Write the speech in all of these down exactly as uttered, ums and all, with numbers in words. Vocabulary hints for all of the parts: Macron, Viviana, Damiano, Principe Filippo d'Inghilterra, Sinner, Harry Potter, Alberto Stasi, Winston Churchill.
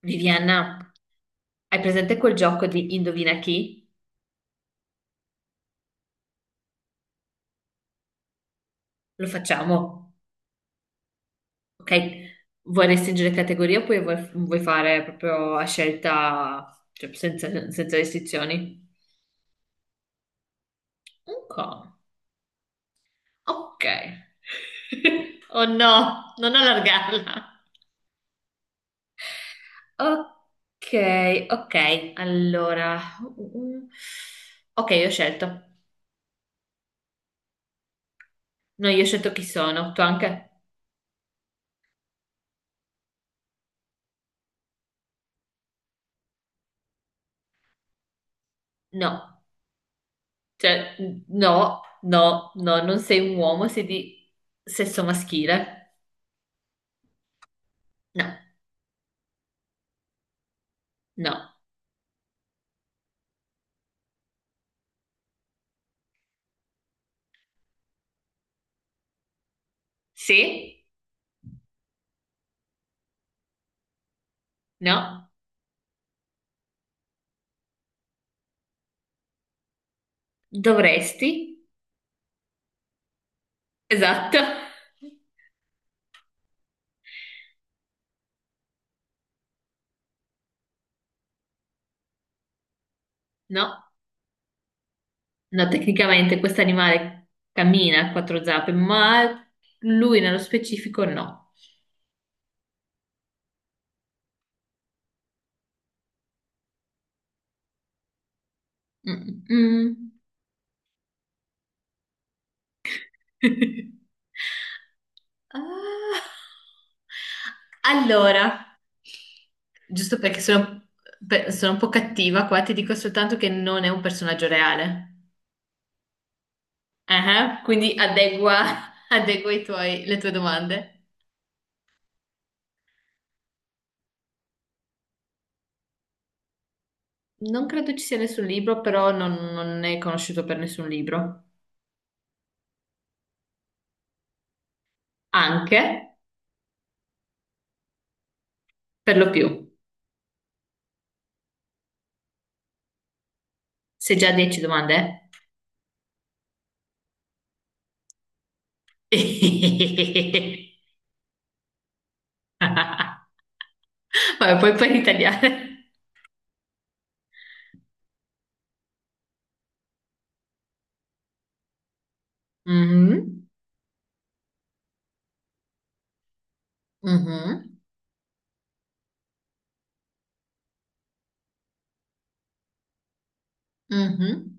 Viviana, hai presente quel gioco di Indovina chi? Lo facciamo, ok? Vuoi restringere categoria oppure vuoi, vuoi fare proprio a scelta, cioè senza, senza restrizioni? Ok, ok. Oh no, non allargarla. Ok, ok, allora... mm, ok, io ho scelto. No, io ho scelto chi sono, tu anche? No. Cioè, no, no, no, non sei un uomo, sei di sesso maschile. No, no. Sì? No. Dovresti? Esatto. No, no, tecnicamente questo animale cammina a quattro zampe, ma lui nello specifico no. Mm, mm. Ah. Allora, giusto perché sono, per- sono un po' cattiva qua, ti dico soltanto che non è un personaggio reale. Ah, quindi adegua, adegua i tuoi- le tue domande. Non credo ci sia nessun libro, però non, non è conosciuto per nessun libro. Anche, per lo più. Sei già a dieci domande? Eh? Vabbè, poi puoi ritagliare. Mhm, mhm, mhm.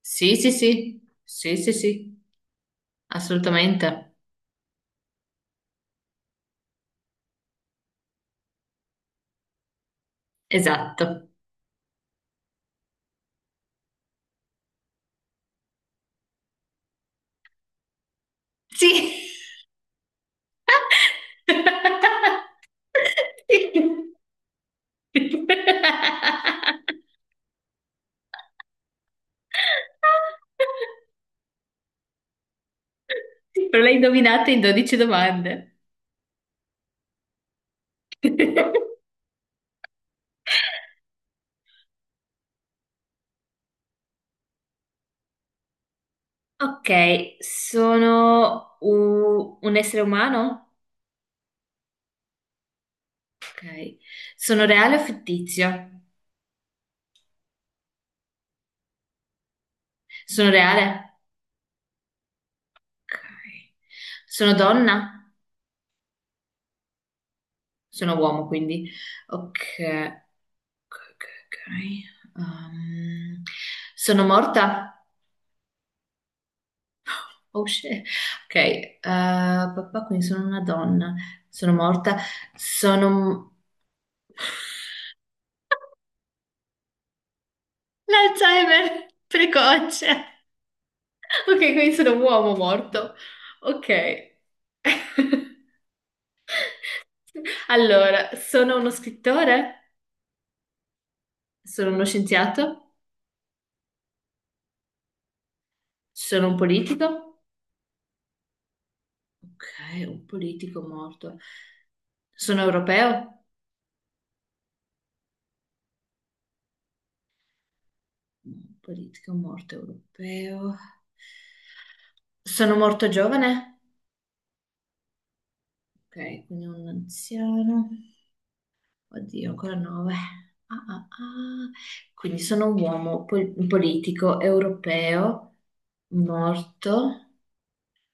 Sì, sì, sì. Sì, sì, sì. Assolutamente. Esatto. Sì. Sì. Però l'hai indovinata in dodici domande. Ok, sono u- un essere umano? Ok. Sono reale o fittizio? Sono reale? Ok. Sono donna? Sono uomo, quindi. Ok. Ok, ok, ok. Um, sono morta? Oh, shit. Ok, eh, papà, quindi sono una donna, sono morta, sono l'Alzheimer precoce. Ok, quindi sono un uomo morto. Ok. Allora, sono uno scrittore, sono uno scienziato, sono un politico. Ok, un politico morto. Sono europeo? Un politico morto europeo. Sono morto giovane? Ok, quindi un anziano. Oddio, ancora nove. Ah, ah, ah. Quindi sono un uomo pol- un politico europeo morto.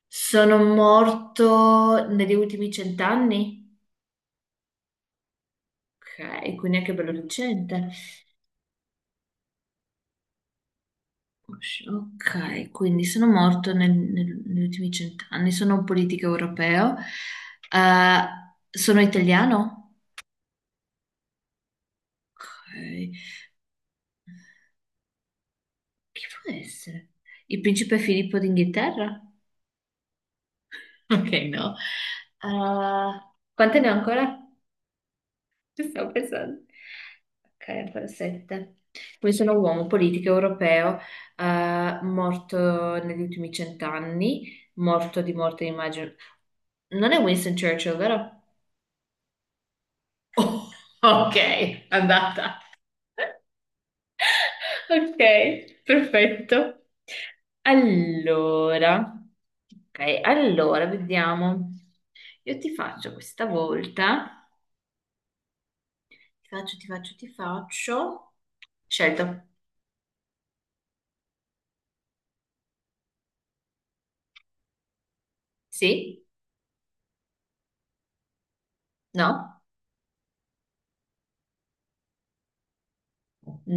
Sono morto negli ultimi cent'anni? Ok, quindi anche bello recente. Ok, quindi sono morto nel- nel- negli ultimi cent'anni. Sono un politico europeo. Eh, sono italiano? Ok, chi può essere? Il principe Filippo d'Inghilterra? Ok, no. Ah, quante ne ho ancora? Ci stavo pensando. Ok, ancora sette. Quindi sono uomo, politico, europeo, eh, morto negli ultimi cent'anni, morto di morte, immagino. Non è Winston Churchill, vero? Oh, ok, andata. Ok, perfetto. Allora, ok, allora vediamo. Io ti faccio questa volta. Ti faccio, ti faccio, ti faccio. Scelto. Sì? No?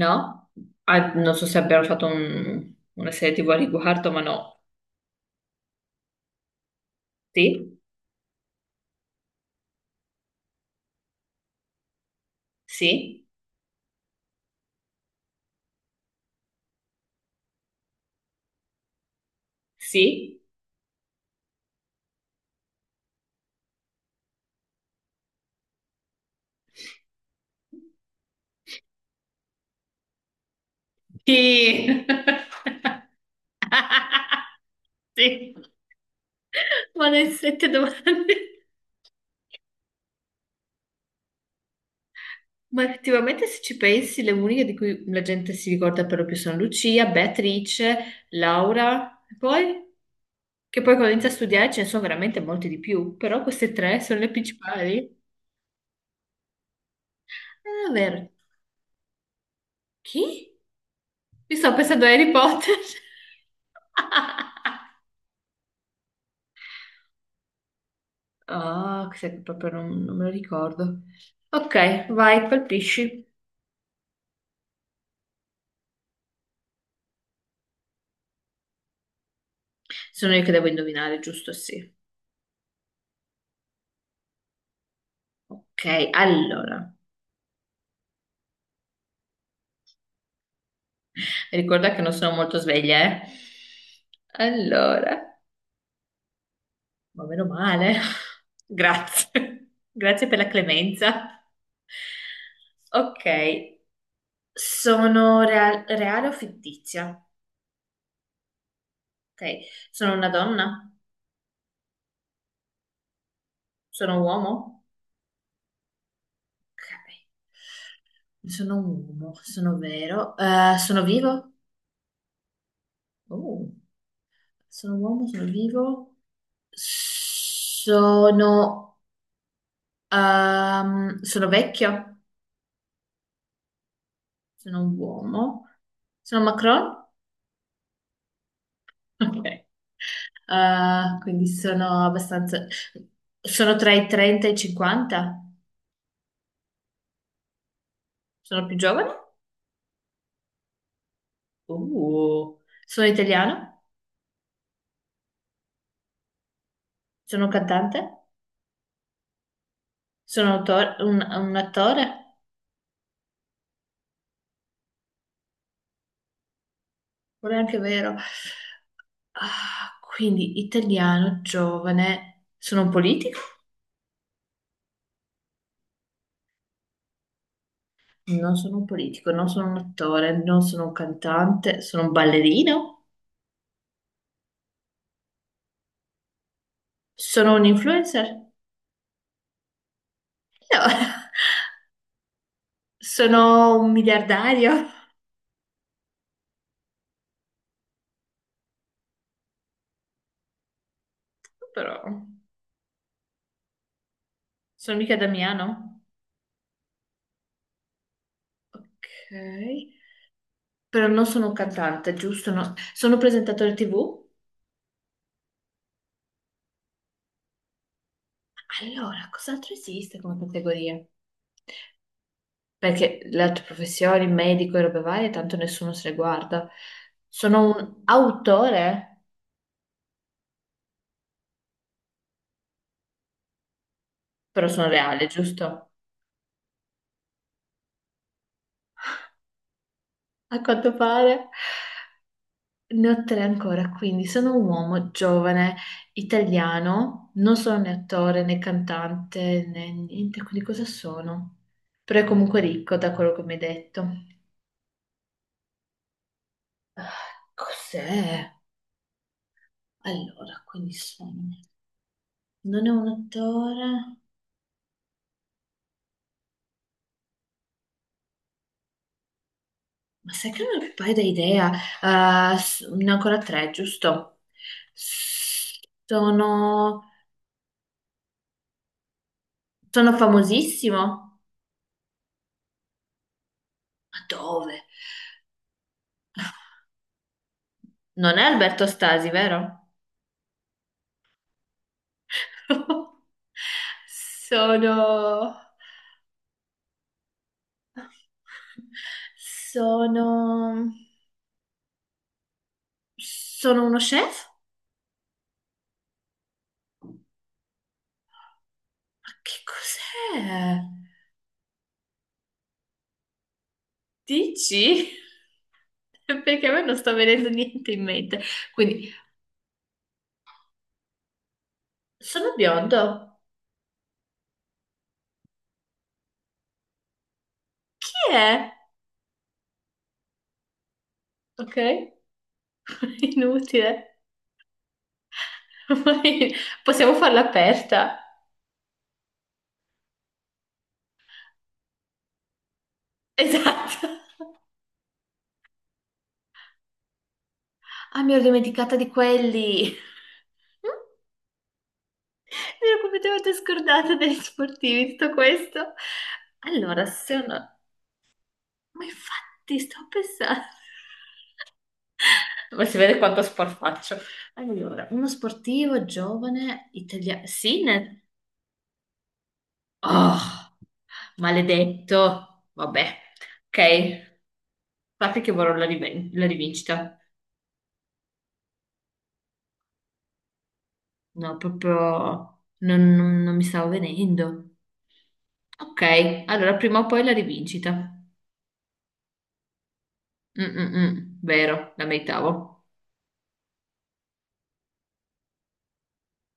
No? Ah, non so se abbiamo fatto un- una serie T V a riguardo, ma no. Sì? Sì? Sì? Sì! Sì. Ma le sette domande. Ma effettivamente se ci pensi, le uniche di cui la gente si ricorda per lo più sono Lucia, Beatrice, Laura, e poi che poi quando inizia a studiare ce ne sono veramente molti di più, però queste tre sono le principali. Eh, davvero. Chi? Mi sto pensando a Harry Potter. Ah, questo che proprio non, non me lo ricordo. Ok, vai, colpisci. Sono io che devo indovinare, giusto? Sì. Ok, allora. Ricorda che non sono molto sveglia, eh. Allora, ma meno male. Grazie. Grazie per la clemenza. Ok, sono rea- reale o fittizia? Ok, sono una donna? Sono un uomo? Ok, sono un uomo, sono vero. Eh, sono vivo? Oh, sono un uomo, sono vivo. Sono, ehm, sono vecchio? Sono un uomo. Sono Macron? Ok. Eh, quindi sono abbastanza... Sono tra i trenta e i cinquanta? Sono più giovane? Uh. Sono italiano? Sono un cantante? Sono autore- un, un attore? Non è anche vero. Ah, quindi italiano, giovane. Sono un politico? Non sono un politico, non sono un attore, non sono un cantante, sono un ballerino? Sono un influencer? No. Sono un miliardario, però sono mica Damiano. Ok, però non sono un cantante, giusto? No. Sono presentatore T V? Allora, cos'altro esiste come categoria? Perché le altre professioni, medico e robe varie, tanto nessuno se le guarda. Sono un autore, però sono reale, giusto? A quanto pare. Ne ho tre ancora, quindi sono un uomo giovane, italiano, non sono né attore né cantante né niente, quindi cosa sono? Però è comunque ricco da quello che mi hai detto. Ah, cos'è? Allora, quindi sono... Non è un attore, ma sai che non ho più paio di idea. Ah, ah, s- ne ho ancora tre, giusto? S- Sono... Sono famosissimo? Ma dove? Non è Alberto Stasi, vero? Sono... Sono... Sono uno chef? Ma che cos'è? Dici? Perché a me non sta venendo niente in mente. Quindi, sono biondo. Chi è? Ok? Inutile. Ormai possiamo farla aperta. Esatto. Ah, mi ero dimenticata di quelli. Mi ero completamente scordata degli sportivi, tutto questo. Allora, se uno... Ma infatti sto pensando... Ma si vede quanto sport faccio. Allora, uno sportivo giovane italiano... Sinner? Oh, maledetto. Vabbè. Ok, sappi che vorrò la, riven- la rivincita. No, proprio... Non, non- non mi stavo venendo. Ok, allora prima o poi la rivincita. Mm, mm, mm. Vero, la meritavo.